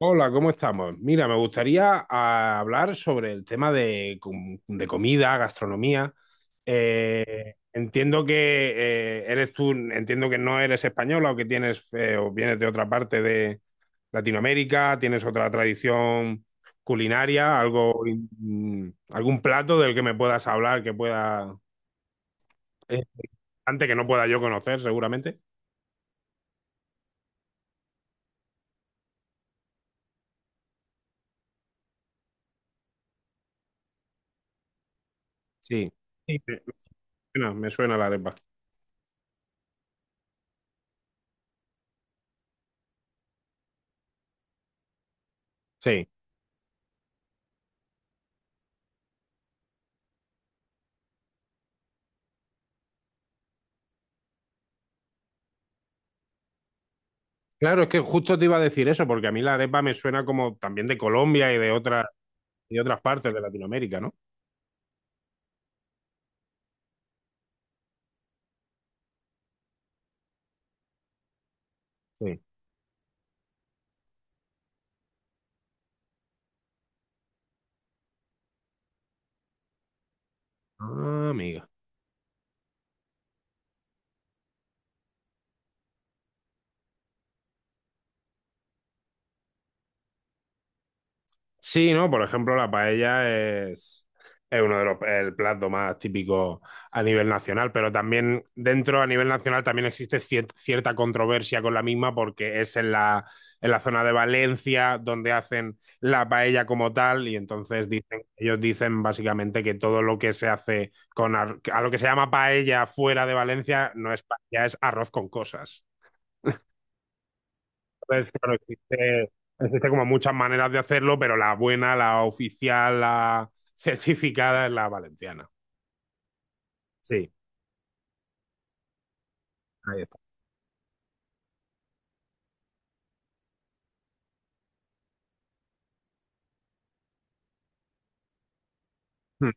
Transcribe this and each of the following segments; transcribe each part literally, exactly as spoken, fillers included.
Hola, ¿cómo estamos? Mira, me gustaría ah, hablar sobre el tema de, com- de comida, gastronomía. Eh, entiendo que eh, eres tú, entiendo que no eres española o que tienes eh, o vienes de otra parte de Latinoamérica, tienes otra tradición culinaria, algo, mm, algún plato del que me puedas hablar que pueda, eh, antes que no pueda yo conocer, seguramente. Sí. Sí, me me suena, me suena la arepa. Sí. Claro, es que justo te iba a decir eso, porque a mí la arepa me suena como también de Colombia y de otras y otras partes de Latinoamérica, ¿no? Sí. Ah, amiga. Sí, ¿no? Por ejemplo, la paella es, es uno de los el plato más típico a nivel nacional, pero también dentro a nivel nacional también existe cier- cierta controversia con la misma porque es en la, en la zona de Valencia donde hacen la paella como tal y entonces dicen, ellos dicen básicamente que todo lo que se hace con ar- a lo que se llama paella fuera de Valencia no es paella, es arroz con cosas. Pues claro, existe, existe como muchas maneras de hacerlo, pero la buena, la oficial, la certificada es la valenciana. Sí, ahí está. Mm.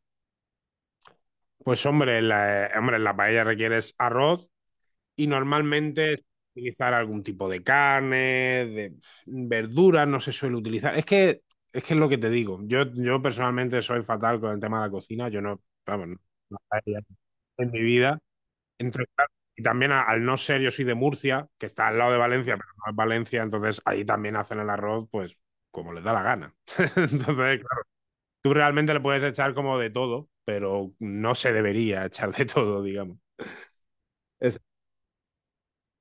Pues hombre, la, eh, hombre, la paella requieres arroz y normalmente es utilizar algún tipo de carne, de pf, verduras, no se suele utilizar. Es que es que es lo que te digo. Yo, yo personalmente soy fatal con el tema de la cocina. Yo no, vamos, no, no paella en mi vida. Entonces, claro, y también a- al no ser, yo soy de Murcia, que está al lado de Valencia, pero no es Valencia, entonces ahí también hacen el arroz, pues como les da la gana. Entonces, claro, tú realmente le puedes echar como de todo, pero no se debería echar de todo, digamos. Es-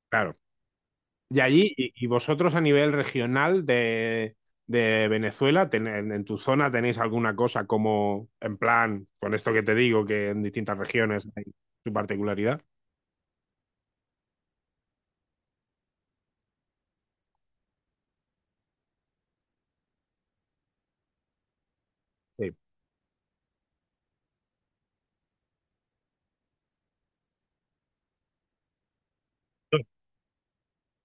Claro. Y allí, y, y vosotros a nivel regional de, de Venezuela, ten- en, en tu zona tenéis alguna cosa como, en plan, con esto que te digo, que en distintas regiones hay su particularidad? Sí.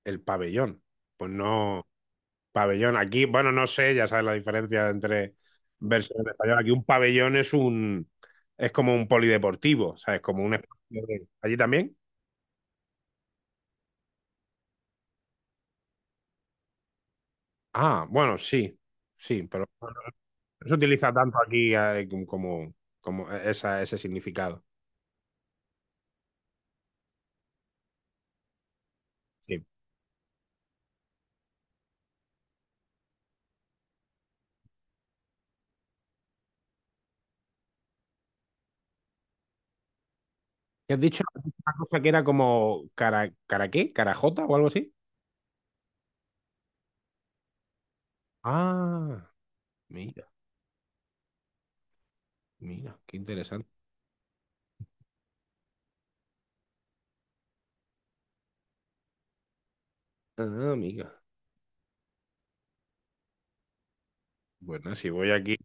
El pabellón. Pues no. Pabellón. Aquí, bueno, no sé, ya sabes la diferencia entre versión en español. Aquí un pabellón es un es como un polideportivo, ¿sabes? Como un espacio de- ¿Allí también? Ah, bueno, sí, sí, pero bueno, no se utiliza tanto aquí eh, como, como esa, ese significado. Sí. ¿Qué has dicho? Has dicho una cosa que era como cara, ¿cara qué? ¿Carajota o algo así? Ah, mira, mira, qué interesante. Ah, amiga. Bueno, si voy aquí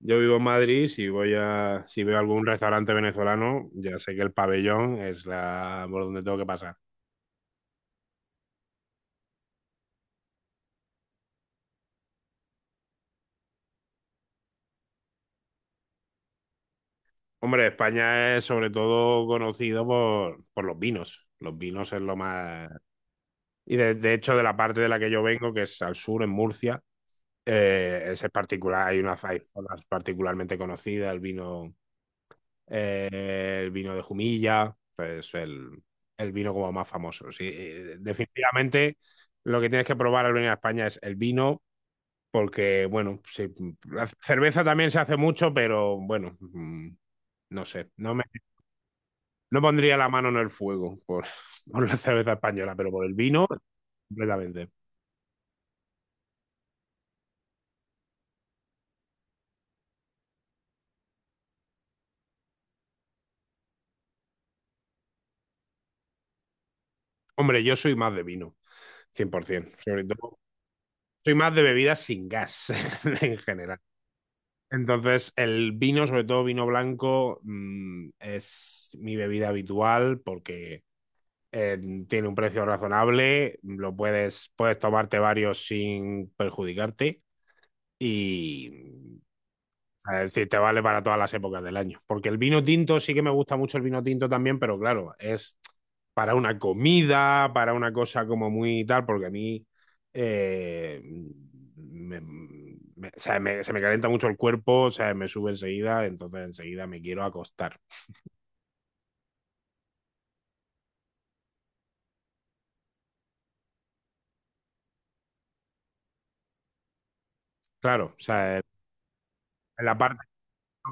yo vivo en Madrid. si voy a, si veo algún restaurante venezolano, ya sé que el pabellón es la por donde tengo que pasar. Hombre, España es sobre todo conocido por, por los vinos. Los vinos es lo más. Y de, de hecho, de la parte de la que yo vengo, que es al sur, en Murcia, eh, ese es particular, hay unas hay zonas particularmente conocidas, el vino, eh, el vino de Jumilla, pues el, el vino como más famoso. Sí, eh, definitivamente lo que tienes que probar al venir a España es el vino porque, bueno, sí, la cerveza también se hace mucho, pero bueno, mm, no sé, no, me, no pondría la mano en el fuego por, por, la cerveza española, pero por el vino, completamente. Hombre, yo soy más de vino, cien por ciento, sobre todo, soy más de bebidas sin gas en general. Entonces, el vino, sobre todo vino blanco, mm, es mi bebida habitual porque eh, tiene un precio razonable, lo puedes, puedes tomarte varios sin perjudicarte. Y es decir, te vale para todas las épocas del año. Porque el vino tinto sí que me gusta mucho el vino tinto también, pero claro, es para una comida, para una cosa como muy tal, porque a mí eh, me- me- o sea, me- se me calienta mucho el cuerpo, o sea, me sube enseguida, entonces enseguida me quiero acostar. Claro, o sea, en la parte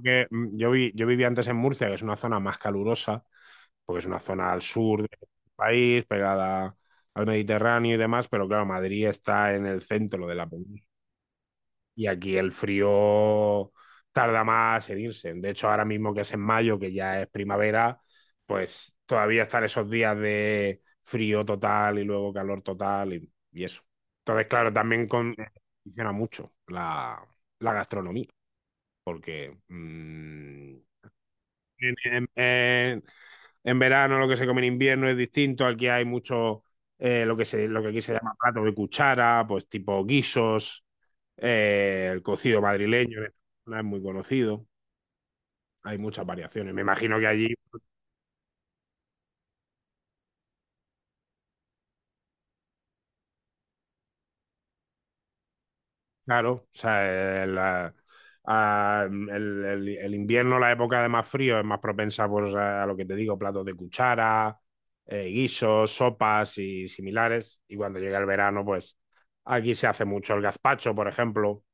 que mm, yo vi, yo vivía antes en Murcia, que es una zona más calurosa, porque es una zona al sur del país, pegada al Mediterráneo y demás, pero claro, Madrid está en el centro de la península y aquí el frío tarda más en irse. De hecho, ahora mismo que es en mayo, que ya es primavera, pues todavía están esos días de frío total y luego calor total y, y eso. Entonces, claro, también con- condiciona mucho la, la gastronomía, porque mm, en, en- en- en verano lo que se come en invierno es distinto. Aquí hay mucho eh, lo que se, lo que aquí se llama plato de cuchara, pues tipo guisos, eh, el cocido madrileño en esta zona es muy conocido. Hay muchas variaciones. Me imagino que allí. Claro, o sea, eh, la- a- el, el- el invierno, la época de más frío, es más propensa pues, a lo que te digo, platos de cuchara, eh, guisos, sopas y similares. Y cuando llega el verano, pues aquí se hace mucho el gazpacho, por ejemplo.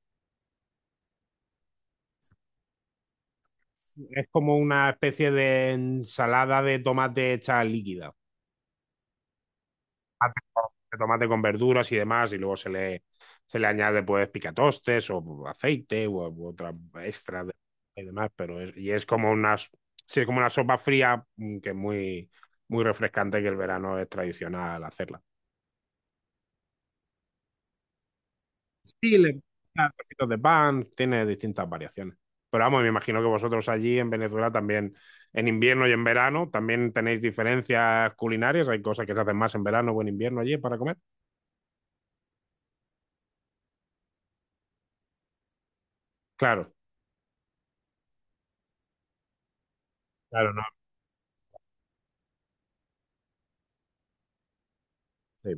Es como una especie de ensalada de tomate hecha líquida. Tomate con tomate con verduras y demás, y luego se le, se le añade pues picatostes o aceite u, u otra extra de- y demás, pero es, y es como una, s- sí, es como una sopa fría mm, que es muy, muy refrescante, que el verano es tradicional hacerla. Sí, le ponen trocitos de pan, tiene distintas variaciones. Pero vamos, me imagino que vosotros allí en Venezuela también, en invierno y en verano, también tenéis diferencias culinarias. Hay cosas que se hacen más en verano o en invierno allí para comer. Claro, claro, no. Sí.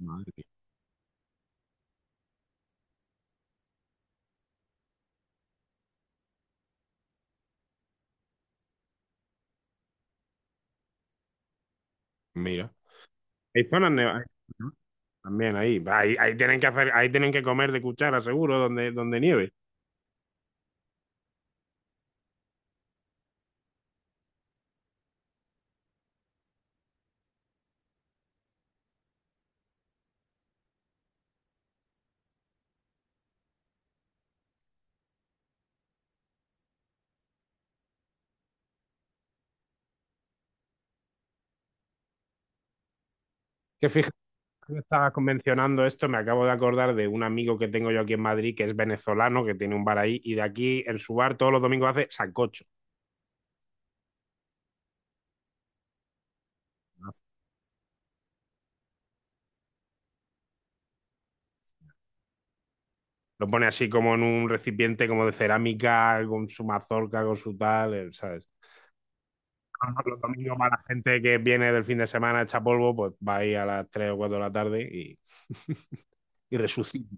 Madre mía. Mira. Hay zonas nevadas, ¿no? También ahí. ahí. Ahí tienen que hacer, ahí tienen que comer de cuchara, seguro, donde, donde nieve. Que fíjate que estaba convencionando esto, me acabo de acordar de un amigo que tengo yo aquí en Madrid, que es venezolano, que tiene un bar ahí, y de aquí en su bar todos los domingos hace sancocho. Lo pone así como en un recipiente como de cerámica, con su mazorca, con su tal, eh, ¿sabes? Los domingos va la gente que viene del fin de semana, echa polvo, pues va ahí a las tres o cuatro de la tarde y, y resucita.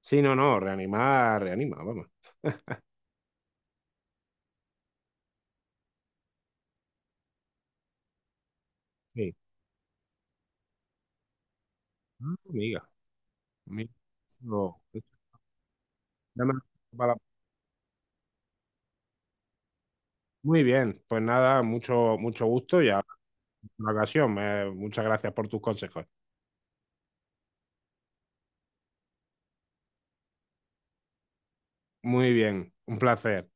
Sí, no, no, reanimar, reanima, vamos. Sí. Ah, amiga, amiga. No, ya me- para- Muy bien, pues nada, mucho, mucho gusto y a la ocasión. eh, muchas gracias por tus consejos. Muy bien, un placer.